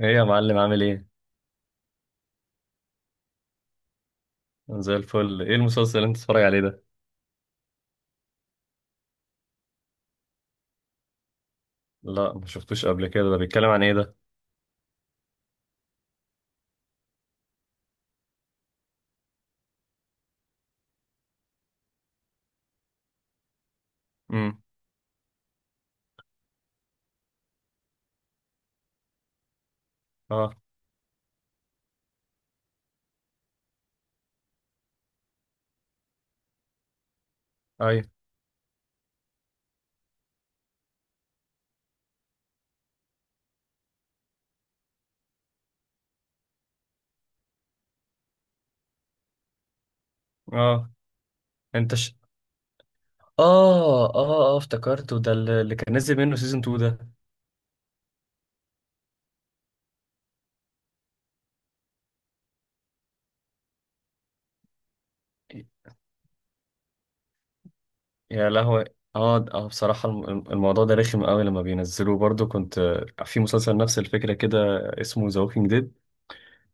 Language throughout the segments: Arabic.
ايه يا معلم، عامل ايه؟ أنا زي الفل. ايه المسلسل اللي انت بتتفرج عليه ده؟ لا، ما شفتوش قبل كده. ده بيتكلم عن ايه ده؟ امم اه، ايوه، اه، انت ش... اه، افتكرته، ده اللي كان نزل منه سيزون 2 ده. يا لهوي، اه بصراحة الموضوع ده رخم قوي لما بينزلوه. برضو كنت، في مسلسل نفس الفكرة كده، اسمه ذا ووكينج ديد.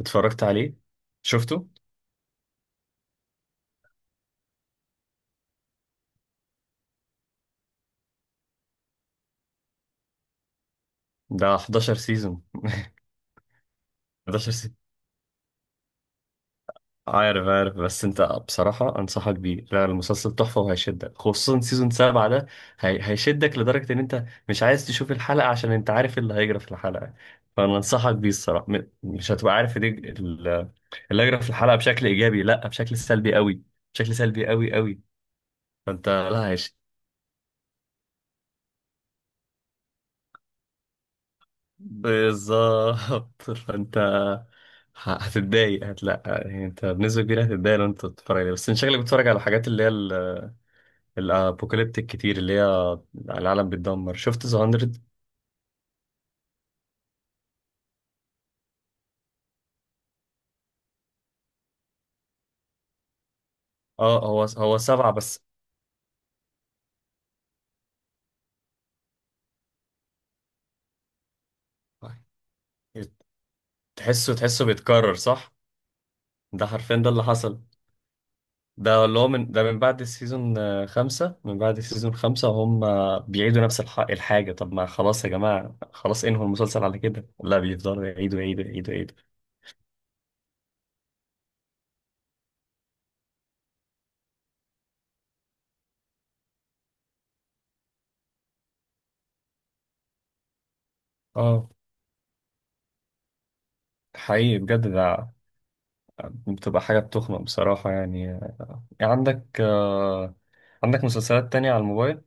اتفرجت عليه؟ شفته؟ ده 11 سيزون، 11. عارف، عارف، بس انت بصراحة انصحك بيه. لا، المسلسل تحفة وهيشدك، خصوصا سيزون 7 ده. هيشدك لدرجة ان انت مش عايز تشوف الحلقة عشان انت عارف إيه اللي هيجرى في الحلقة. فانا انصحك بيه الصراحة. مش هتبقى عارف دي. اللي هيجرى في الحلقة بشكل ايجابي، لا، بشكل سلبي قوي، بشكل سلبي قوي قوي. فانت لا هيش بالظبط. فانت هتتضايق، هتلا يعني، انت بنسبة كبيرة هتتضايق لو انت بتتفرج عليه. بس انت شكلك بتتفرج على الحاجات اللي هي الابوكاليبتيك كتير، اللي هي العالم بيتدمر. شفت ذا 100؟ اه، هو 7 بس. تحسه تحسه بيتكرر، صح؟ ده حرفيا ده اللي حصل. ده اللي هو من ده، من بعد السيزون، 5، من بعد السيزون 5 هم بيعيدوا نفس الحاجة. طب ما خلاص يا جماعة، خلاص انهوا المسلسل على كده. لا، بيفضلوا يعيدوا يعيدوا يعيدوا يعيدوا. اه، حقيقي بجد ده. بتبقى حاجة بتخنق بصراحة يعني. عندك مسلسلات تانية على الموبايل؟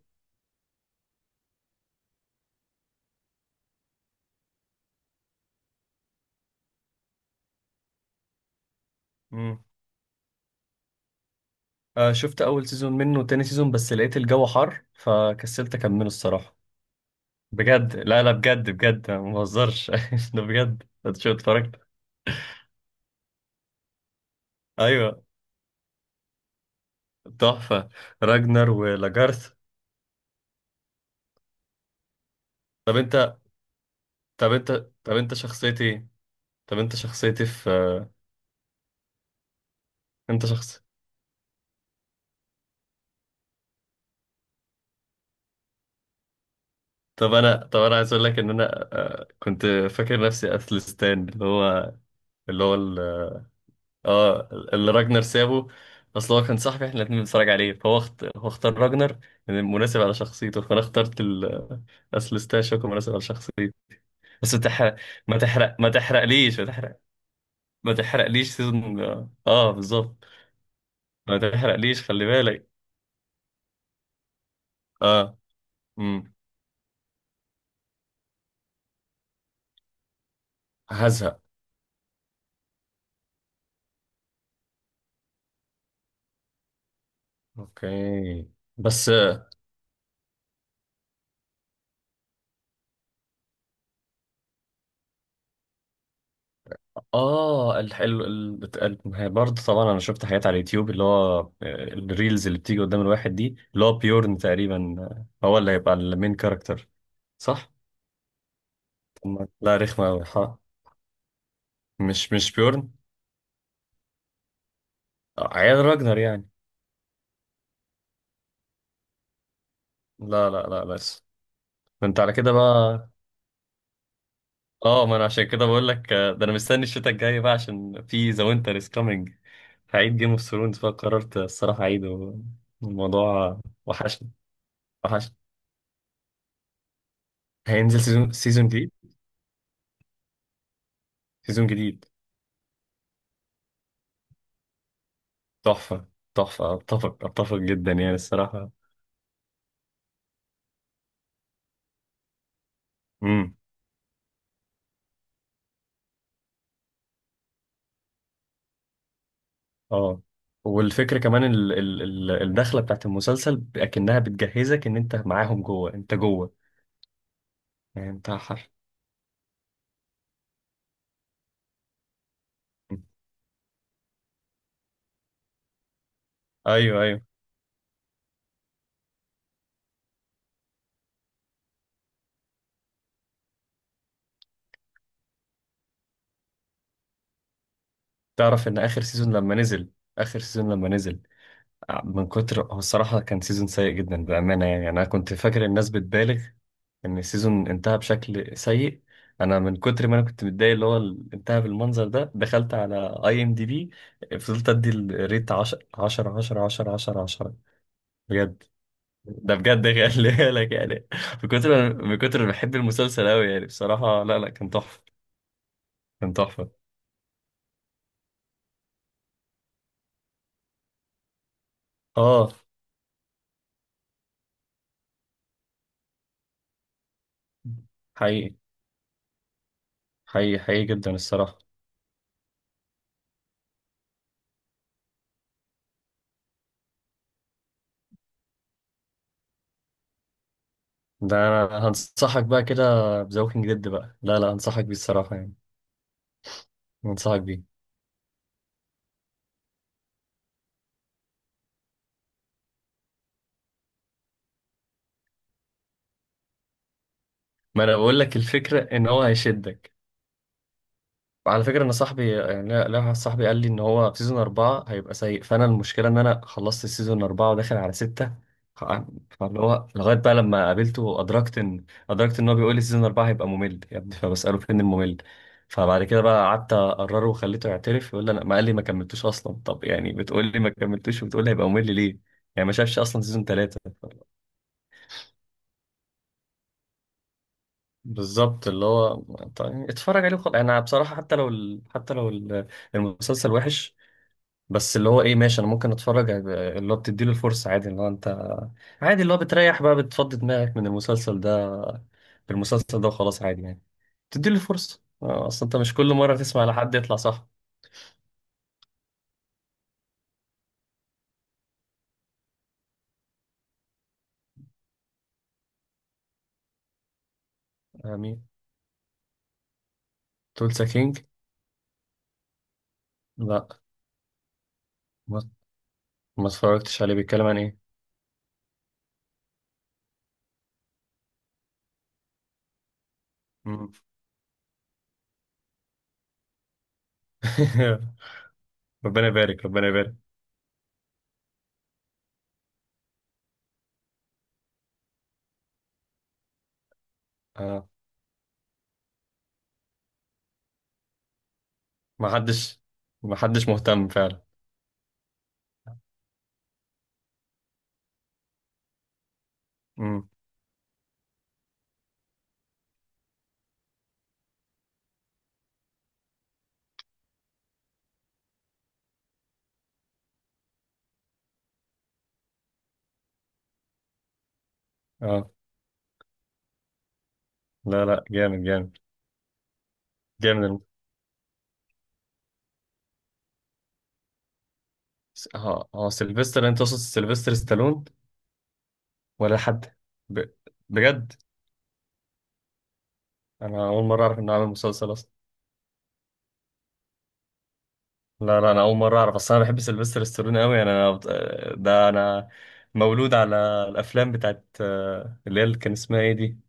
شفت اول سيزون منه وتاني سيزون، بس لقيت الجو حر فكسلت اكمله الصراحه. بجد، لا لا، بجد بجد، أنا ما بهزرش. ده بجد انت شو اتفرجت. ايوه، تحفه. راجنر ولاجارث. طب انت طب انت طب انت شخصيتي ايه، طب انت شخصيتي في، انت شخص. طب انا عايز اقول لك ان انا، كنت فاكر نفسي اثلستان، اللي هو اه، اللي راجنر سابه. اصل هو كان صاحبي، احنا الاتنين بنتفرج عليه، فهو هو اختار راجنر لأن مناسب على شخصيته، فانا اخترت اصل ستاشوك مناسب على شخصيته. بس ما تحرق، ما تحرق، ما تحرقليش، ما تحرق، ما تحرقليش سيزون. اه بالظبط. ما تحرقليش، خلي بالك. اه. امم هزهق. اوكي. بس اه، الحلو، هي برضه طبعا انا شفت حاجات على اليوتيوب، اللي هو، الريلز اللي بتيجي قدام الواحد دي، اللي هو بيورن تقريبا، هو اللي هيبقى المين كاركتر، صح؟ طب ما- لا رخمة أوي، ها. مش بيورن. عيال راجنر يعني. لا لا لا، بس كنت على كده بقى. اه، ما انا عشان كده بقول لك، ده انا مستني الشتاء الجاي بقى عشان في ذا وينتر از كامينج. هعيد جيم اوف ثرونز، فقررت الصراحة اعيده. الموضوع وحشني، وحشني. هينزل سيزون، سيزون جديد، سيزون جديد. تحفة، تحفة، أتفق، أتفق جدا يعني الصراحة. امم اه. والفكرة كمان ال الدخلة بتاعت المسلسل أكنها بتجهزك إن أنت معاهم جوه، أنت جوه، يعني أنت حر. أيوه، أيوه. تعرف إن آخر سيزون لما نزل، آخر سيزون لما نزل من كتر، هو الصراحة كان سيزون سيء جدا بأمانة. يعني أنا كنت فاكر الناس بتبالغ ان السيزون انتهى بشكل سيء. انا من كتر ما انا كنت متضايق، اللي هو انتهى بالمنظر ده، دخلت على اي ام دي بي، فضلت ادي الريت 10، 10، 10، 10، 10، 10. بجد، ده بجد، خلي بالك يعني. من كتر من كتر ما بحب المسلسل قوي يعني، بصراحة لا لا، كان تحفة، كان تحفة. اه، حقيقي، حقيقي حقيقي جدا الصراحة. ده أنا هنصحك بقى كده بذا ووكينج ديد بقى. لا لا، هنصحك بيه الصراحة يعني، هنصحك بيه. ما أنا بقول لك الفكرة إن هو هيشدك. على فكرة أنا صاحبي يعني، لا لا، واحد صاحبي قال لي إن هو في سيزون 4 هيبقى سيء، فأنا المشكلة إن أنا خلصت سيزون 4 وداخل على 6. ف- فاللي هو لغاية بقى لما قابلته، أدركت إن هو بيقول لي سيزون 4 هيبقى ممل يا ابني، فبسأله فين الممل. فبعد كده بقى قعدت أقرره وخليته يعترف، يقول لي أنا، ما قال لي ما كملتوش أصلا. طب يعني بتقول لي ما كملتوش وبتقول لي هيبقى ممل ليه؟ يعني ما شافش أصلا سيزون 3. بالظبط اللي هو، طيب اتفرج عليه وخلاص. أنا بصراحة حتى لو حتى لو المسلسل وحش، بس اللي هو ايه، ماشي، انا ممكن اتفرج. اللي هو بتديله الفرصه عادي، اللي هو انت عادي، اللي هو بتريح بقى، بتفضي دماغك من المسلسل ده، بالمسلسل ده وخلاص عادي يعني. بتديله الفرصه، اصل انت مش كل مره تسمع لحد يطلع صح. مين؟ تولسا كينج؟ لا، ما, ما اتفرجتش عليه. بيتكلم عن ايه؟ مم. ربنا يبارك، ربنا يبارك. آه. ما حدش، ما حدش مهتم فعلا. مم. اه، لا لا، جامد، جامد، جامد اه اه، سيلفستر، انت تقصد سيلفستر ستالون ولا حد؟ ب... بجد؟ انا اول مره اعرف انه عامل مسلسل اصلا. لا لا، انا اول مره اعرف اصلا. انا بحب سيلفستر ستالوني قوي يعني. انا ده انا مولود على الافلام بتاعت، اللي هي اللي كان اسمها ايه دي،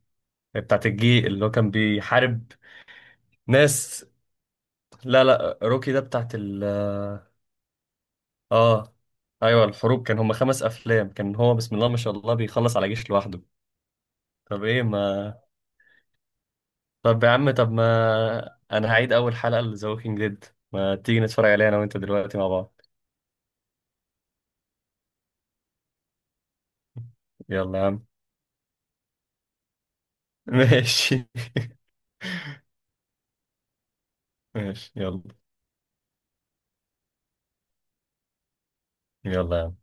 بتاعت الجي اللي هو كان بيحارب ناس. لا لا، روكي ده بتاعت ال. اه، ايوه، الحروب، كان هما 5 افلام، كان هو بسم الله ما شاء الله بيخلص على جيش لوحده. طب ايه ما طب يا عم، طب ما انا هعيد اول حلقة لذا ووكينج ديد. ما تيجي نتفرج عليها انا وانت دلوقتي مع بعض. يلا يا عم. ماشي، ماشي، يلا. يلا يا عم.